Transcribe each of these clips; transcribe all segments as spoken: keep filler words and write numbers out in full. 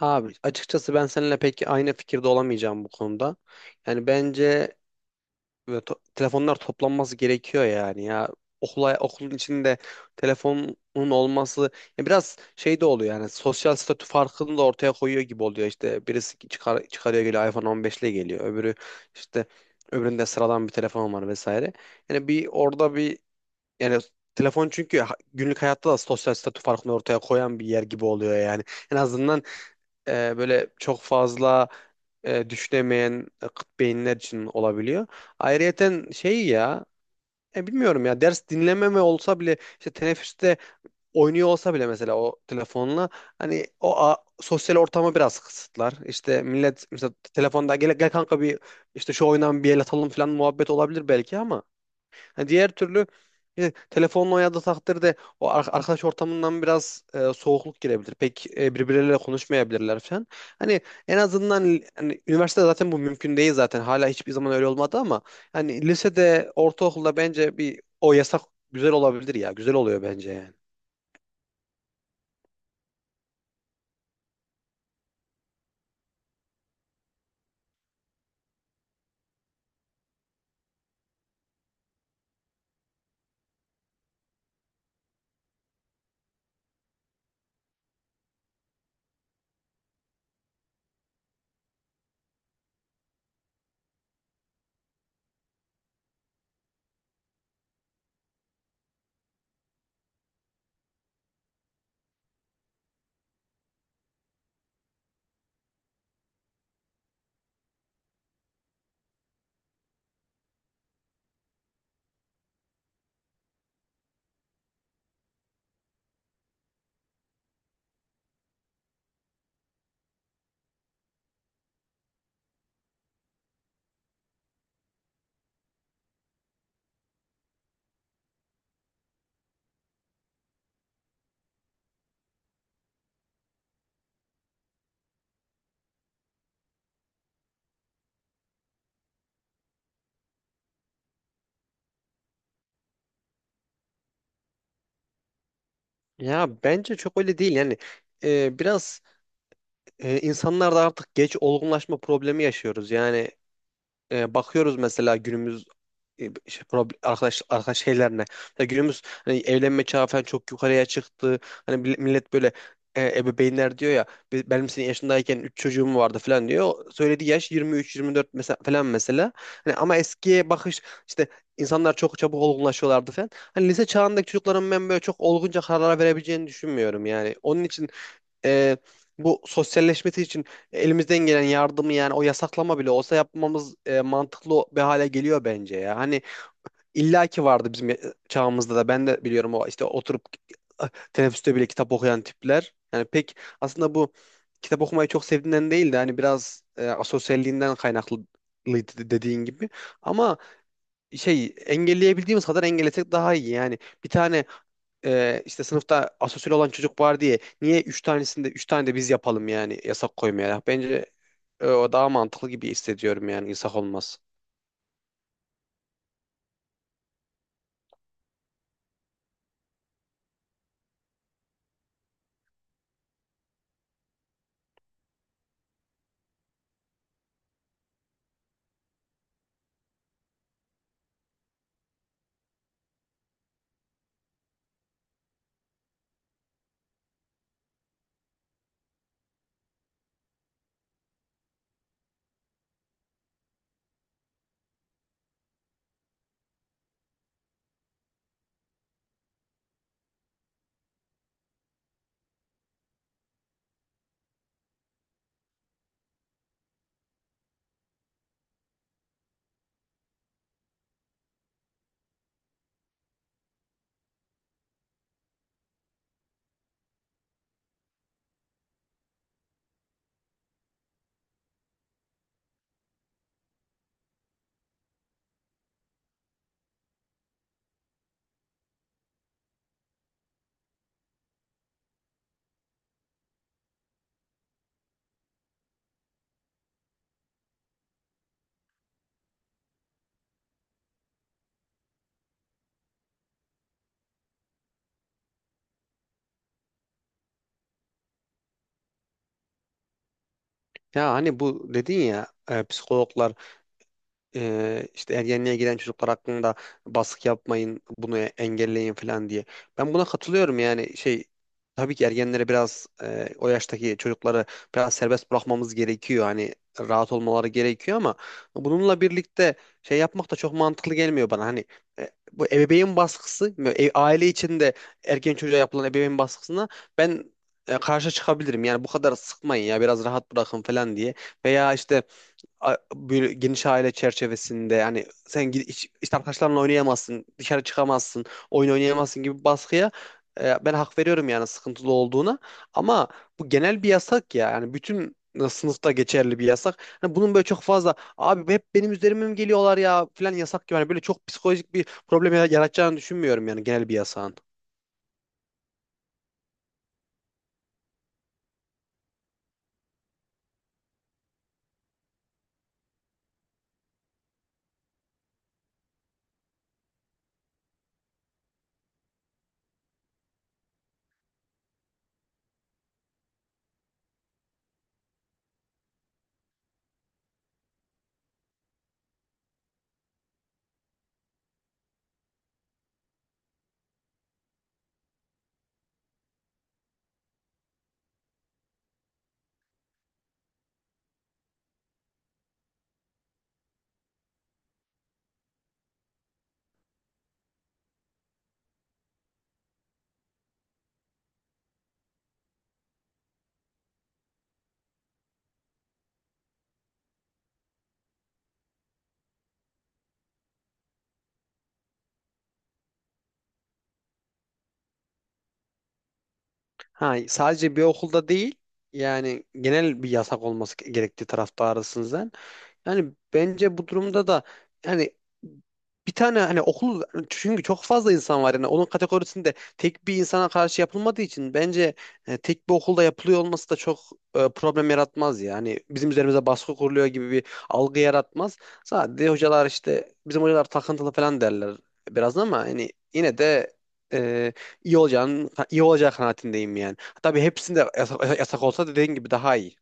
Abi açıkçası ben seninle pek aynı fikirde olamayacağım bu konuda. Yani bence ve to- telefonlar toplanması gerekiyor yani ya. Okula, okulun içinde telefonun olması ya biraz şey de oluyor yani sosyal statü farkını da ortaya koyuyor gibi oluyor. İşte birisi çıkar, çıkarıyor geliyor, iPhone on beş ile geliyor, öbürü işte öbüründe sıradan bir telefon var vesaire. Yani bir orada bir yani telefon çünkü ha- günlük hayatta da sosyal statü farkını ortaya koyan bir yer gibi oluyor yani. En azından e, böyle çok fazla e, düşünemeyen e, kıt beyinler için olabiliyor. Ayrıyeten şey ya, e, bilmiyorum ya, ders dinlememe olsa bile işte teneffüste oynuyor olsa bile mesela o telefonla hani o a- sosyal ortamı biraz kısıtlar. İşte millet mesela telefonda "Gel, gel kanka, bir işte şu oyundan bir el atalım" falan muhabbet olabilir belki ama. Ha, diğer türlü e, telefonla oynadığı takdirde o ar- arkadaş ortamından biraz e, soğukluk girebilir. Pek e, birbirleriyle konuşmayabilirler falan. Hani en azından hani, üniversitede zaten bu mümkün değil zaten. Hala hiçbir zaman öyle olmadı ama hani lisede, ortaokulda bence bir o yasak güzel olabilir ya. Güzel oluyor bence yani. Ya bence çok öyle değil yani. Ee, biraz e, insanlarda artık geç olgunlaşma problemi yaşıyoruz yani. E, bakıyoruz mesela günümüz e, işte problem, arkadaş arkadaş şeylerine. Mesela günümüz hani evlenme çağı falan çok yukarıya çıktı. Hani mil- millet böyle e, ebeveynler diyor ya, "Be- benim senin yaşındayken üç çocuğum vardı" falan diyor. Söylediği yaş yirmi üç yirmi dört mesela falan mesela. Hani ama eskiye bakış işte insanlar çok çabuk olgunlaşıyorlardı falan. Hani lise çağındaki çocukların ben böyle çok olgunca kararlar verebileceğini düşünmüyorum yani. Onun için e, bu sosyalleşmesi için elimizden gelen yardımı, yani o yasaklama bile olsa, yapmamız e, mantıklı bir hale geliyor bence ya. Hani illaki vardı bizim e, çağımızda da, ben de biliyorum, o işte oturup e, teneffüste bile kitap okuyan tipler. Yani pek aslında bu kitap okumayı çok sevdiğinden değil de hani biraz e, asosyalliğinden kaynaklıydı, dediğin gibi. Ama şey, engelleyebildiğimiz kadar engellesek daha iyi. Yani bir tane e, işte sınıfta asosyal olan çocuk var diye niye üç tanesinde üç tane de biz yapalım yani yasak koymaya. Bence e, o daha mantıklı gibi hissediyorum yani yasak olmaz. Ya hani bu dedin ya, e, psikologlar e, işte ergenliğe giren çocuklar hakkında baskı yapmayın, bunu engelleyin falan diye. Ben buna katılıyorum yani şey, tabii ki ergenlere biraz, e, o yaştaki çocukları biraz serbest bırakmamız gerekiyor. Hani rahat olmaları gerekiyor ama bununla birlikte şey yapmak da çok mantıklı gelmiyor bana. Hani e, bu ebeveyn baskısı, e, aile içinde ergen çocuğa yapılan ebeveyn baskısına ben e, karşı çıkabilirim. Yani bu kadar sıkmayın ya, biraz rahat bırakın falan diye. Veya işte a- böyle geniş aile çerçevesinde yani sen gid- hiç- işte arkadaşlarınla oynayamazsın, dışarı çıkamazsın, oyun oynayamazsın gibi baskıya e, ben hak veriyorum yani sıkıntılı olduğuna. Ama bu genel bir yasak ya. Yani bütün e, sınıfta geçerli bir yasak. Hani bunun böyle çok fazla "Abi hep benim üzerime mi geliyorlar ya" falan yasak gibi. Yani böyle çok psikolojik bir problem yara- yaratacağını düşünmüyorum yani genel bir yasağın. Ha, sadece bir okulda değil yani genel bir yasak olması gerektiği taraftarısınız. Yani bence bu durumda da yani bir tane hani okul, çünkü çok fazla insan var yani onun kategorisinde, tek bir insana karşı yapılmadığı için bence e, tek bir okulda yapılıyor olması da çok e, problem yaratmaz, yani bizim üzerimize baskı kuruluyor gibi bir algı yaratmaz. Sadece hocalar işte bizim hocalar takıntılı falan derler biraz ama hani yine de e, iyi olacağını iyi olacağı kanaatindeyim yani. Tabii hepsinde yasak, yasak olsa dediğin gibi daha iyi.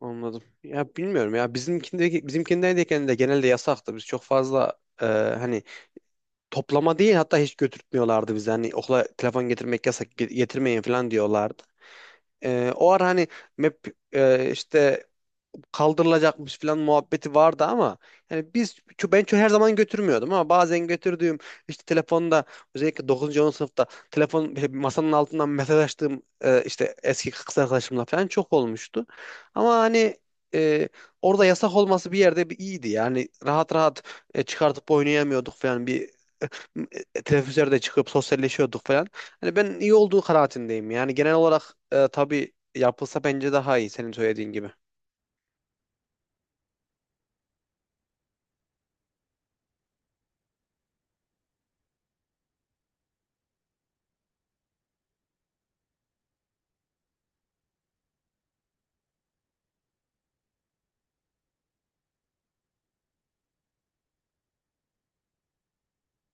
Anladım. Ya bilmiyorum ya, bizimkinde bizimkindeyken de genelde yasaktı. Biz çok fazla e, hani toplama değil, hatta hiç götürtmüyorlardı bizi. Hani okula telefon getirmek yasak, ge- getirmeyin falan diyorlardı. E, o ara hani map e, işte kaldırılacakmış falan muhabbeti vardı ama yani biz ço- ben ço- her zaman götürmüyordum ama bazen götürdüğüm işte telefonda, özellikle dokuzuncu onuncu sınıfta, telefon böyle masanın altından mesaj açtığım, e, işte eski kız arkadaşımla falan çok olmuştu. Ama hani e, orada yasak olması bir yerde bir iyiydi. Yani rahat rahat e, çıkartıp oynayamıyorduk falan, bir e, teneffüslerde çıkıp sosyalleşiyorduk falan. Hani ben iyi olduğu kanaatindeyim. Yani genel olarak e, tabii yapılsa bence daha iyi, senin söylediğin gibi.